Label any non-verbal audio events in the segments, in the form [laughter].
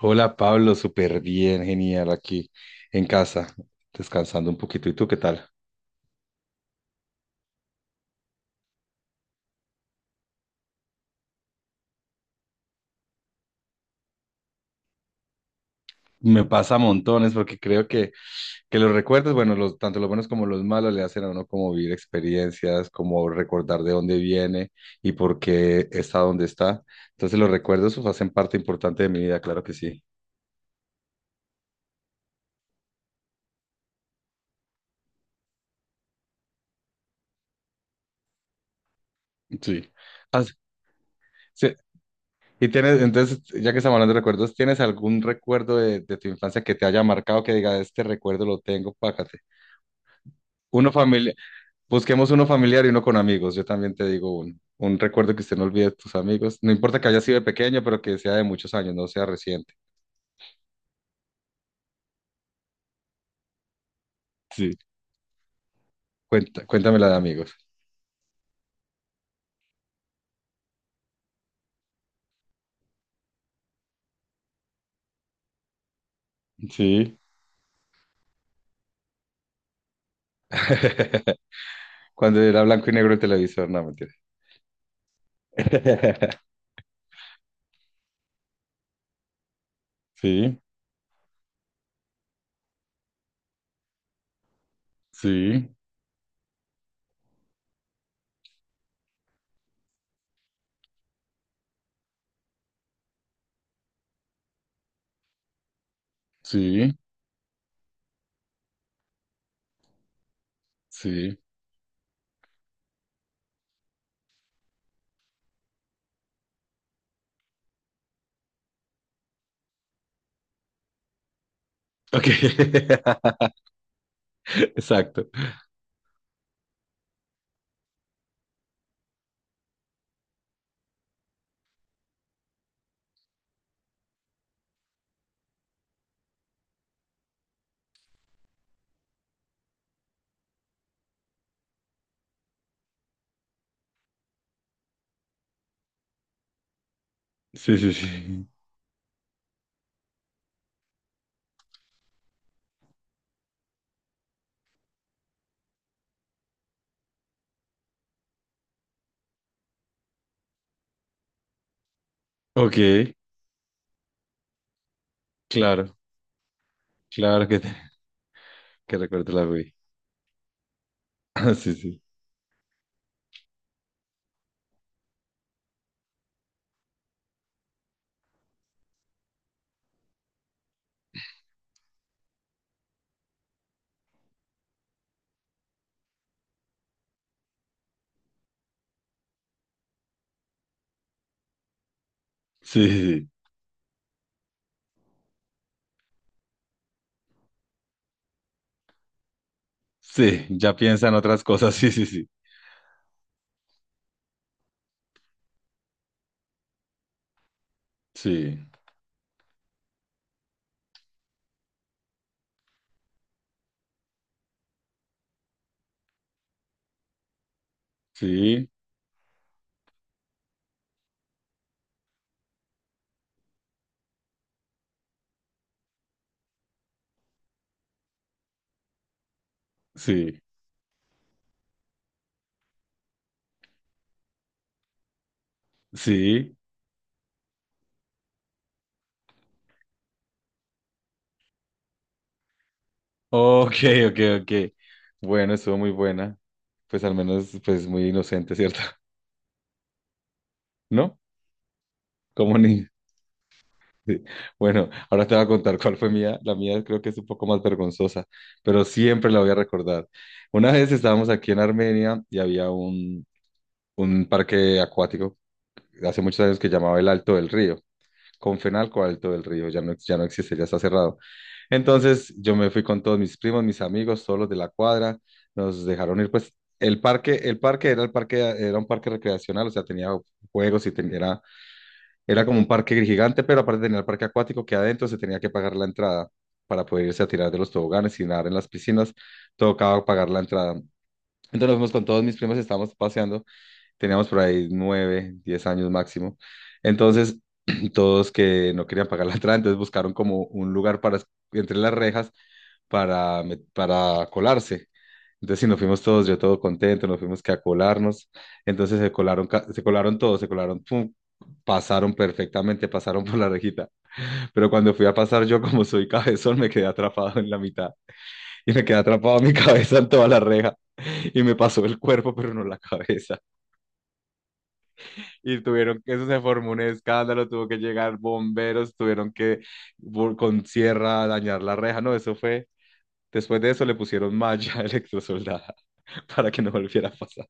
Hola Pablo, súper bien, genial aquí en casa, descansando un poquito. ¿Y tú qué tal? Me pasa montones porque creo que los recuerdos, bueno, tanto los buenos como los malos le hacen a uno como vivir experiencias, como recordar de dónde viene y por qué está donde está. Entonces los recuerdos pues, hacen parte importante de mi vida, claro que sí. Sí. Ah, sí. Y tienes, entonces, ya que estamos hablando de recuerdos, ¿tienes algún recuerdo de tu infancia que te haya marcado, que diga, este recuerdo lo tengo, págate? Uno familiar. Busquemos uno familiar y uno con amigos. Yo también te digo un recuerdo que usted no olvide de tus amigos. No importa que haya sido de pequeño, pero que sea de muchos años, no sea reciente. Sí. Cuenta, cuéntame la de amigos. Sí. [laughs] Cuando era blanco y negro el televisor, no, mentira. [laughs] Sí. Sí. Sí. Sí. Ok. [laughs] Exacto. Sí, sí, sí. Ok, claro, claro que recuerdo la vi. [laughs] Sí, sí, sí, sí, sí, ya piensa en otras cosas, sí, sí, sí, sí. Sí, sí, sí. Ok, ok, ok. Bueno, estuvo muy buena. Pues al menos, pues muy inocente, ¿cierto? [laughs] ¿No? Como ni... sí. Bueno, ahora te voy a contar cuál fue mía. La mía creo que es un poco más vergonzosa, pero siempre la voy a recordar. Una vez estábamos aquí en Armenia y había un parque acuático hace muchos años que llamaba el Alto del Río. Confenalco Alto del Río, ya no existe, ya está cerrado. Entonces yo me fui con todos mis primos, mis amigos, todos los de la cuadra, nos dejaron ir, pues el parque era un parque recreacional, o sea, tenía juegos y era como un parque gigante, pero aparte tenía el parque acuático que adentro se tenía que pagar la entrada para poder irse a tirar de los toboganes y nadar en las piscinas, tocaba pagar la entrada. Entonces nos fuimos con todos mis primos, estábamos paseando, teníamos por ahí 9, 10 años máximo. Entonces [clears throat] todos que no querían pagar la entrada, entonces buscaron como un lugar para, entre las rejas para colarse. Entonces, sí, nos fuimos todos, yo todo contento, nos fuimos que a colarnos. Entonces se colaron, se colaron todos, se colaron, pum, pasaron perfectamente, pasaron por la rejita. Pero cuando fui a pasar yo, como soy cabezón, me quedé atrapado en la mitad. Y me quedé atrapado mi [laughs] cabeza en toda la reja. Y me pasó el cuerpo, pero no la cabeza. Y tuvieron que, eso se formó un escándalo, tuvo que llegar bomberos, tuvieron que con sierra dañar la reja. No, eso fue. Después de eso le pusieron malla [laughs] electrosoldada para que no volviera a pasar.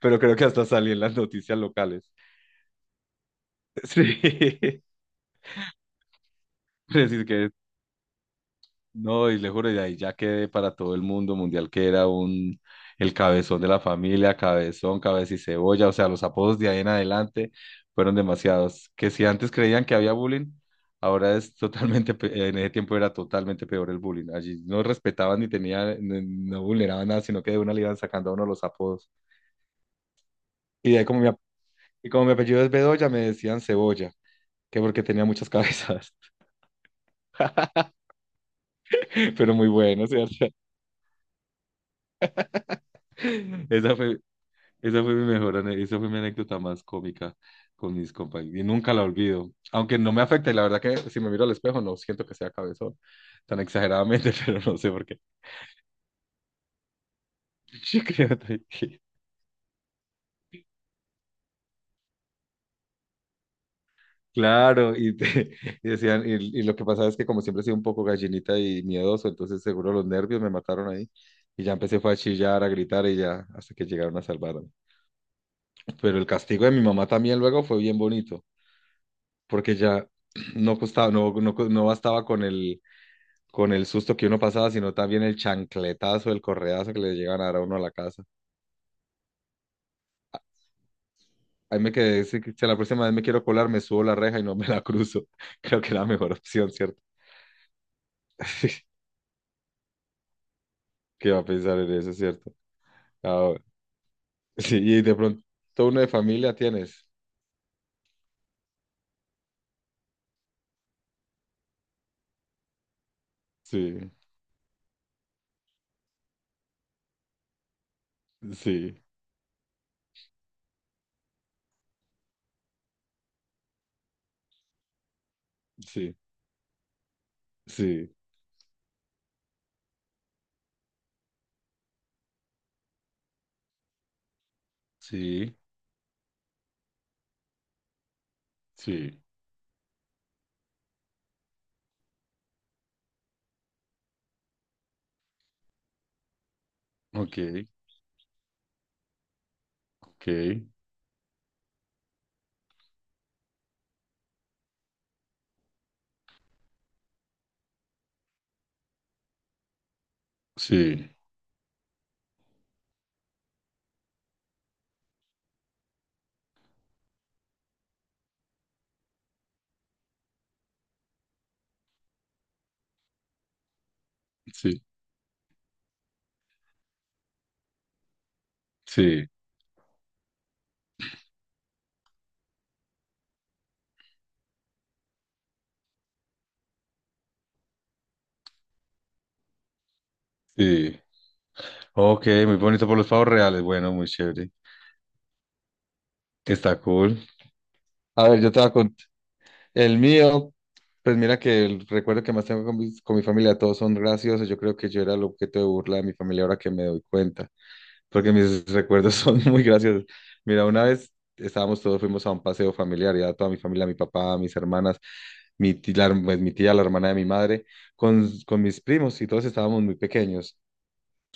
Pero creo que hasta salí en las noticias locales. Sí. [laughs] Es decir que no, y le juro, y de ahí ya quedé para todo el mundo mundial que era un el cabezón de la familia, cabezón, cabeza y cebolla, o sea, los apodos de ahí en adelante fueron demasiados. Que si antes creían que había bullying, ahora es totalmente, pe- en ese tiempo era totalmente peor el bullying. Allí no respetaban ni tenían, no, no, vulneraban nada, sino que de una le iban sacando a uno los apodos. Y de ahí como me. Y como mi apellido es Bedoya, me decían Cebolla, que porque tenía muchas cabezas. [laughs] Pero muy bueno, ¿cierto? Esa fue, esa fue esa fue mi anécdota más cómica con mis compañeros. Y nunca la olvido. Aunque no me afecta, y la verdad que si me miro al espejo, no siento que sea cabezón tan exageradamente, [laughs] pero no sé por qué. [laughs] Yo creo que- Claro, y decían, y lo que pasaba es que como siempre he sido un poco gallinita y miedoso, entonces seguro los nervios me mataron ahí. Y ya empecé fue a chillar, a gritar y ya, hasta que llegaron a salvar. Pero el castigo de mi mamá también luego fue bien bonito, porque ya [clears throat] no costaba, no, no, no bastaba con el susto que uno pasaba, sino también el chancletazo, el correazo que le llegan a dar a uno a la casa. Ahí me quedé, si la próxima vez me quiero colar, me subo la reja y no me la cruzo. [laughs] Creo que es la mejor opción, ¿cierto? [laughs] ¿Qué va a pensar en eso, ¿cierto? Ah, [laughs] sí, y de pronto, uno de familia tienes. Sí, sí, sí, sí, sí, sí. Ok, ok, sí, sí. Sí, sí. Ok, muy bonito por los pavos reales. Bueno, muy chévere. Está cool. A ver, yo te voy a cont- El mío, pues mira que el recuerdo que más tengo con mi familia, todos son graciosos. Yo creo que yo era el objeto de burla de mi familia ahora que me doy cuenta, porque mis recuerdos [laughs] son muy graciosos. Mira, una vez estábamos todos, fuimos a un paseo familiar, ya toda mi familia, mi papá, mis hermanas, mi tía, la, pues, mi tía, la hermana de mi madre, con mis primos y todos estábamos muy pequeños.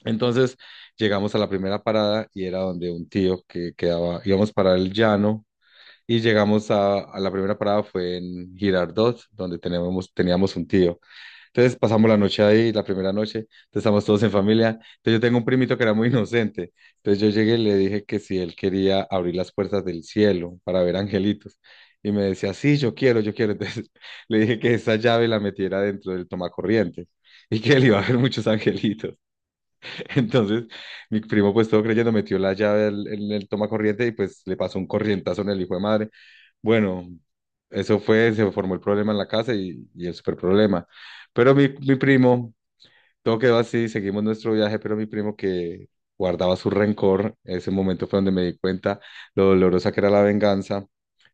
Entonces llegamos a la primera parada y era donde un tío que quedaba, íbamos para el llano y llegamos a la primera parada fue en Girardot, donde tenemos, teníamos un tío. Entonces pasamos la noche ahí, la primera noche, entonces estamos todos en familia. Entonces yo tengo un primito que era muy inocente. Entonces yo llegué y le dije que si él quería abrir las puertas del cielo para ver angelitos. Y me decía, sí, yo quiero, yo quiero. Entonces [laughs] le dije que esa llave la metiera dentro del tomacorriente y que él iba a ver muchos angelitos. Entonces, pues todo creyendo, metió la llave en el toma corriente y pues le pasó un corrientazo en el hijo de madre. Bueno, eso fue, se formó el problema en la casa y el super problema. Pero mi primo, todo quedó así, seguimos nuestro viaje, pero mi primo que guardaba su rencor, ese momento fue donde me di cuenta lo dolorosa que era la venganza,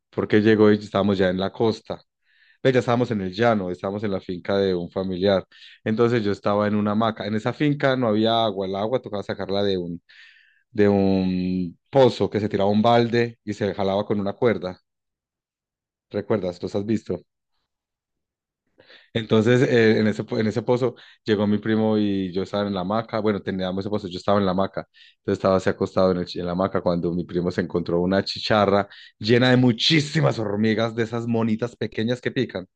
porque llegó y estábamos ya en la costa pero ya estábamos en el llano, estábamos en la finca de un familiar. Entonces yo estaba en una hamaca. En esa finca no había agua, el agua tocaba sacarla de un pozo que se tiraba un balde y se jalaba con una cuerda. ¿Recuerdas? ¿Los has visto? Entonces, en ese pozo llegó mi primo y yo estaba en la hamaca. Bueno, teníamos ese pozo, yo estaba en la hamaca. Entonces estaba así acostado en la hamaca cuando mi primo se encontró una chicharra llena de muchísimas hormigas, de esas monitas pequeñas que pican.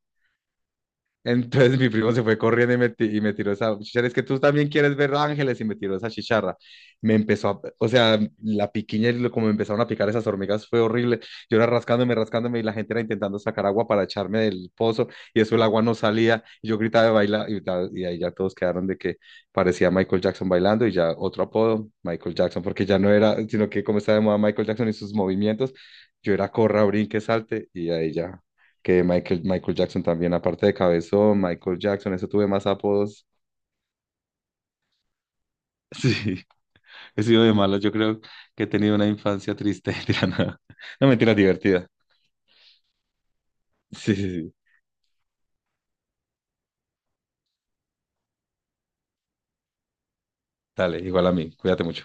Entonces mi primo se fue corriendo y y me tiró esa chicharra. Es que tú también quieres ver ángeles y me tiró esa chicharra. Me empezó a, o sea, la piquiña y lo- como me empezaron a picar esas hormigas fue horrible. Yo era rascándome, rascándome y la gente era intentando sacar agua para echarme del pozo y eso el agua no salía. Y yo gritaba de bailar y ahí ya todos quedaron de que parecía Michael Jackson bailando y ya otro apodo, Michael Jackson, porque ya no era, sino que como estaba de moda Michael Jackson y sus movimientos, yo era corra, brinque, salte y ahí ya que Michael Jackson también, aparte de cabezón, Michael Jackson, eso tuve más apodos. [laughs] Sí, he sido de malas, yo creo que he tenido una infancia triste, [laughs] mentira, no mentira, divertida. Sí, sí, sí, dale, igual a mí, cuídate mucho.